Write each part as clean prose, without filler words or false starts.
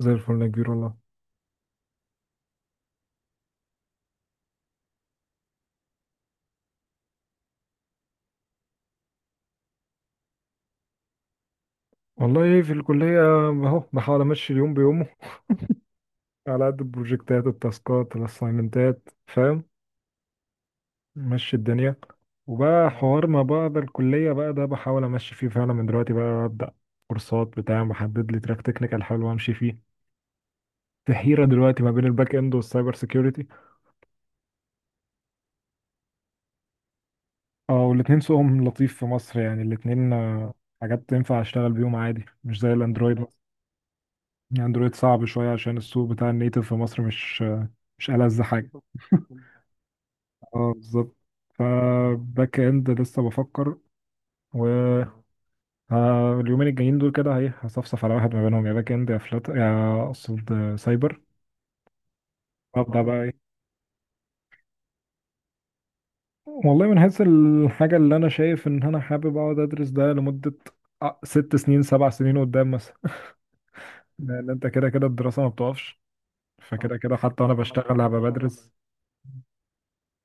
زي الفل يا كبير والله. والله ايه في الكلية اهو بحاول امشي اليوم بيومه على قد البروجكتات التاسكات الاساينمنتات، فاهم؟ مشي الدنيا. وبقى حوار ما بعد الكلية بقى ده بحاول امشي فيه فعلا من دلوقتي، بقى ابدا كورسات بتاع محدد لي تراك تكنيكال حلو امشي فيه. في حيرة دلوقتي ما بين الباك اند والسايبر سيكيورتي. اه، والاتنين سوقهم لطيف في مصر، يعني الاتنين حاجات تنفع اشتغل بيهم عادي، مش زي الاندرويد مثلا. الاندرويد صعب شوية عشان السوق بتاع النيتف في مصر مش مش ألذ حاجة. اه بالظبط. فباك اند لسه بفكر و اليومين الجايين دول كده ايه، هصفصف على واحد ما بينهم، يا باك اند يا فلات، يا اقصد سايبر. ابدا بقى ايه. والله من حيث الحاجه اللي انا شايف ان انا حابب اقعد ادرس ده لمده 6 سنين 7 سنين قدام مثلا. لان انت كده كده الدراسه ما بتقفش، فكده كده حتى وانا بشتغل هبقى بدرس.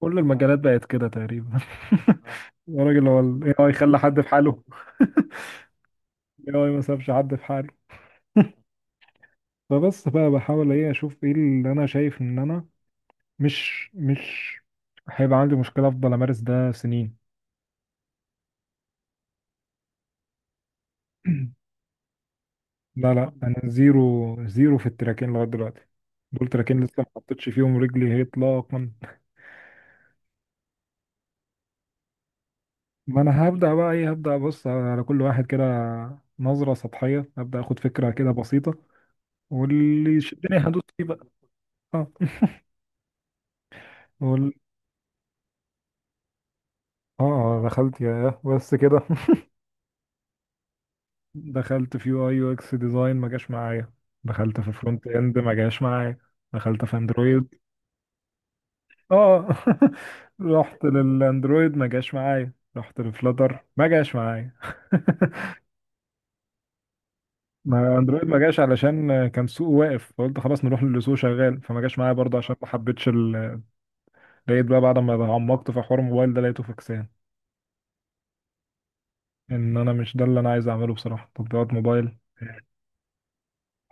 كل المجالات بقت كده تقريبا. يا راجل هو الاي اي خلى حد في حاله؟ الاي اي ما سابش حد في حاله. فبس بقى بحاول ايه اشوف ايه اللي انا شايف ان انا مش هيبقى عندي مشكلة افضل امارس ده سنين. لا انا زيرو زيرو في التراكين لغاية دلوقتي. دول تراكين لسه ما حطيتش فيهم رجلي هي اطلاقا. ما انا هبدأ بقى ايه، هبدأ ابص على كل واحد كده نظرة سطحية، هبدأ اخد فكرة كده بسيطة، واللي يشدني هدوس فيه بقى. اه. وال... اه دخلت يا بس كده. دخلت في يو اي يو اكس ديزاين، ما جاش معايا. دخلت في فرونت اند، ما جاش معايا. دخلت في اندرويد. اه. رحت للاندرويد ما جاش معايا، رحت لفلاتر ما جاش معايا. ما اندرويد ما جاش علشان كان سوق واقف، فقلت خلاص نروح للي سوق شغال، فما جاش معايا برضه عشان ما حبيتش لقيت بقى بعد ما عمقت في حوار الموبايل ده لقيته فاكسان. ان انا مش ده اللي انا عايز اعمله بصراحه، تطبيقات موبايل.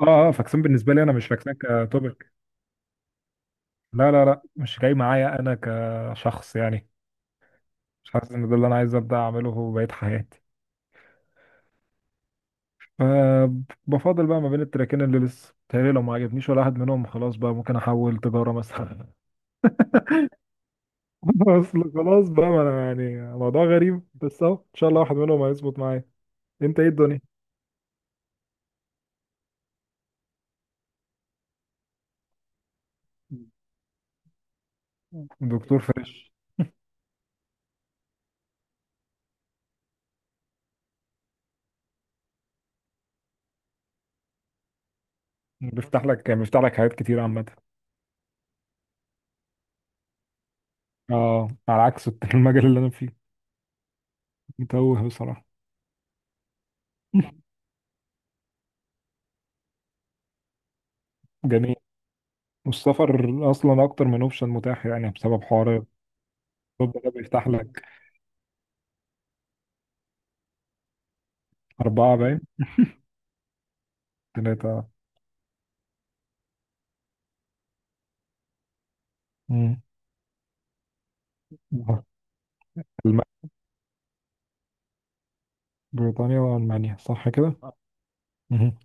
اه فاكسان بالنسبه لي انا، مش فاكسان كتوبيك. لا مش جاي معايا انا كشخص يعني. مش حاسس ان ده اللي انا عايز ابدا اعمله بقية حياتي. فبفضل بقى ما بين التراكين، اللي لسه تهيألي لو ما عجبنيش ولا واحد منهم خلاص بقى ممكن احول تجارة مثلا. اصل خلاص بقى، ما انا يعني موضوع غريب، بس اهو ان شاء الله واحد منهم هيظبط معايا. انت ايه الدنيا؟ دكتور فريش. بيفتح لك بيفتح لك حاجات كتير عامة. اه، على عكس المجال اللي انا فيه. متوه بصراحة. جميل. والسفر اصلا اكتر من اوبشن متاح، يعني بسبب حوار اوروبا ده بيفتح لك. 4 باين. 3. مم. ألمانيا. بريطانيا وألمانيا صح كده؟ مهم.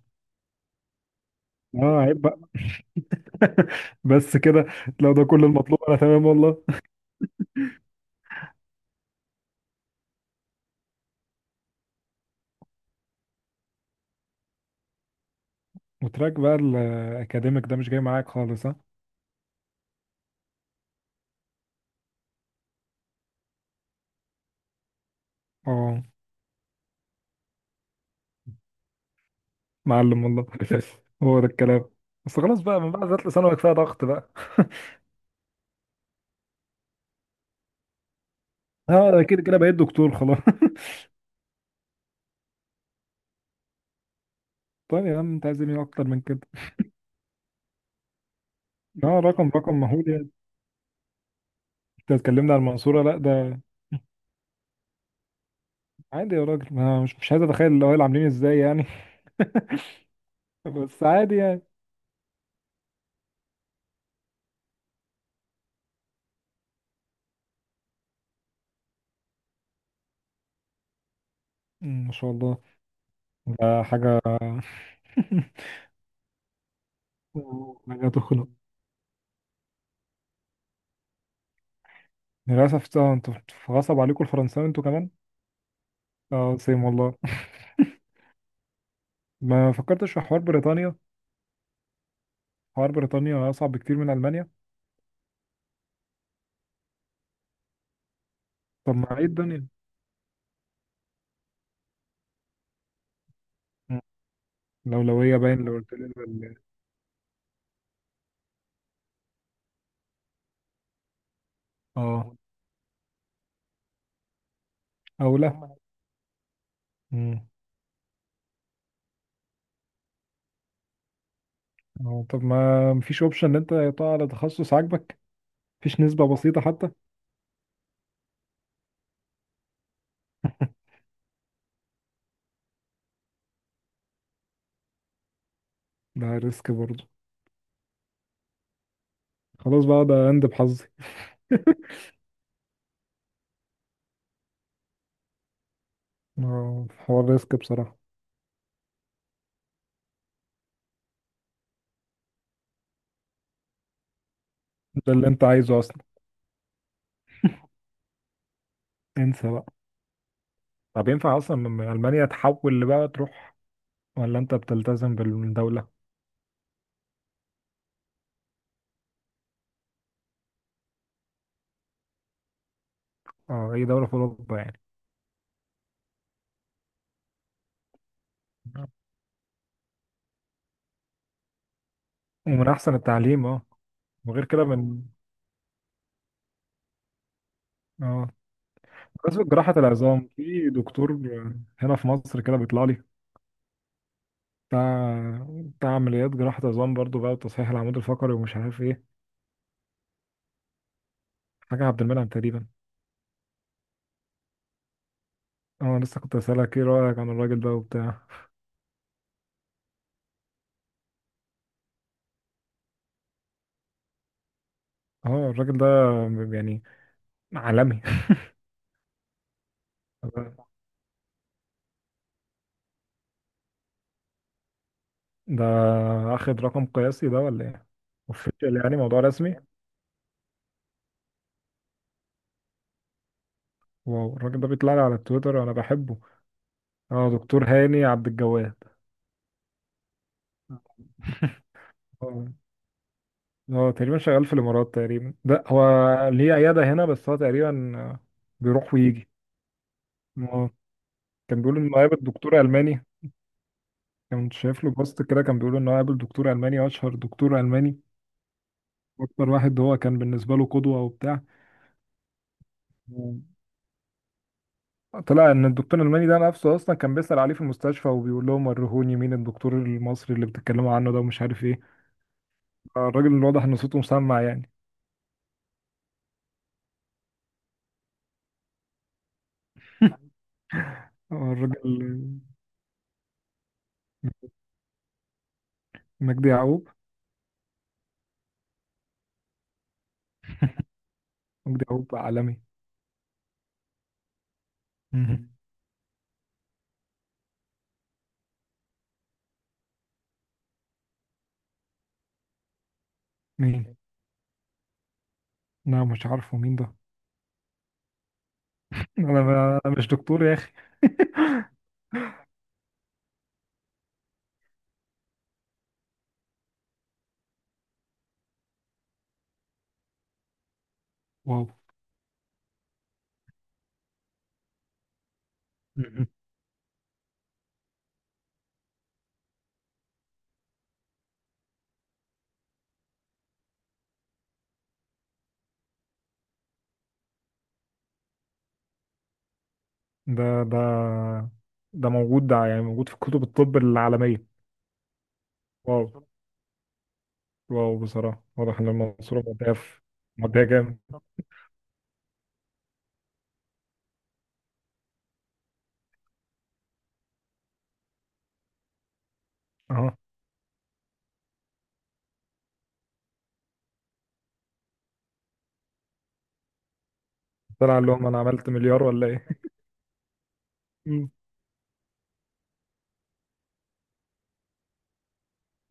اه عيب بقى. بس كده؟ لو ده كل المطلوب أنا تمام والله. وتراك بقى الأكاديميك ده مش جاي معاك خالص، ها؟ اه معلم والله. هو ده الكلام. بس خلاص بقى، من بعد ذات ثانوي كفايه ضغط بقى. اه، أنا كده كده بقيت دكتور خلاص. طيب يا عم انت عايز ايه اكتر من كده؟ اه، رقم رقم مهول يعني. انت اتكلمنا على المنصوره، لا ده عادي يا راجل. ما مش مش عايز اتخيل الاوائل عاملين ازاي يعني. بس عادي يعني. مم، ما شاء الله. ده حاجة. حاجة تخنق. للأسف انتوا غصب عليكم الفرنساوي انتوا كمان. اه سيم والله. ما فكرتش في حوار بريطانيا؟ حوار بريطانيا أصعب بكتير من ألمانيا. طب ما ايه الدنيا؟ مم. الأولوية باين اللي قلت لي ولا-؟ اه. أو لا. مم. اه، طب ما مفيش اوبشن ان انت تقع على تخصص عاجبك؟ مفيش نسبة بسيطة حتى؟ ده ريسك برضه. خلاص بقى ده اند بحظي. اه حوار ريسك بصراحة. ده اللي انت عايزه أصلا. انسى بقى. طب ينفع اصلا من المانيا تحول بقى تروح، ولا انت بتلتزم بالدوله؟ اه اي دوله في اوروبا يعني. نعم. ومن احسن التعليم اه. وغير كده من اه. بمناسبة جراحة العظام، في دكتور هنا في مصر كده بيطلع لي، بتاع بتاع عمليات جراحة عظام برضو بقى وتصحيح العمود الفقري ومش عارف ايه. حاجة عبد المنعم تقريبا. اه لسه كنت اسألك ايه رأيك عن الراجل ده وبتاع. اه الراجل ده يعني عالمي. ده اخد رقم قياسي ده ولا ايه؟ اوفيشال يعني، موضوع رسمي. واو الراجل ده بيطلع لي على التويتر، انا بحبه. اه دكتور هاني عبد الجواد. اه. هو تقريبا شغال في الامارات تقريبا، لا هو ليه عياده هنا بس هو تقريبا بيروح ويجي. اه، كان بيقول انه قابل دكتور الماني. كنت شايف له بوست كده، كان بيقول انه قابل دكتور الماني، اشهر دكتور الماني، اكتر واحد هو كان بالنسبه له قدوه وبتاع. طلع ان الدكتور الالماني ده نفسه اصلا كان بيسال عليه في المستشفى، وبيقول لهم ورهوني مين الدكتور المصري اللي بتتكلموا عنه ده ومش عارف ايه. الراجل واضح ان صوته مسمع يعني. هو الراجل مجدي يعقوب. مجدي يعقوب عالمي. مهم. مين؟ لا مش عارفه مين ده. انا أنا مش دكتور يا اخي. واو. مهم. ده ده ده موجود، ده يعني موجود في كتب الطب العالمية. واو. واو بصراحة، واضح ان المنصورة مودية في، مودية جامد. اهو طلع لهم انا عملت مليار ولا ايه. مم.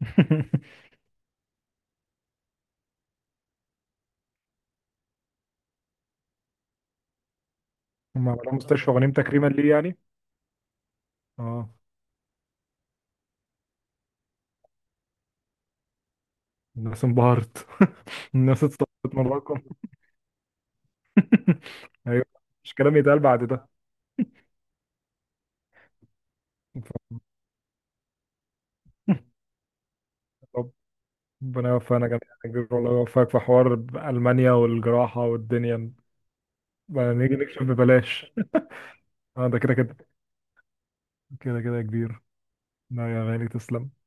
هم عملوا مستشفى غنيم تكريما ليه يعني؟ اه الناس انبهرت. الناس اتصلت من الرقم. ايوه، مش كلام يتقال بعد ده. طب ربنا يوفقنا جميعا يا كبير والله، يوفقك في حوار المانيا والجراحه والدنيا. بقى نيجي نكشف ببلاش. اه ده كده كده، كده كده يا كبير. لا يا غالي تسلم.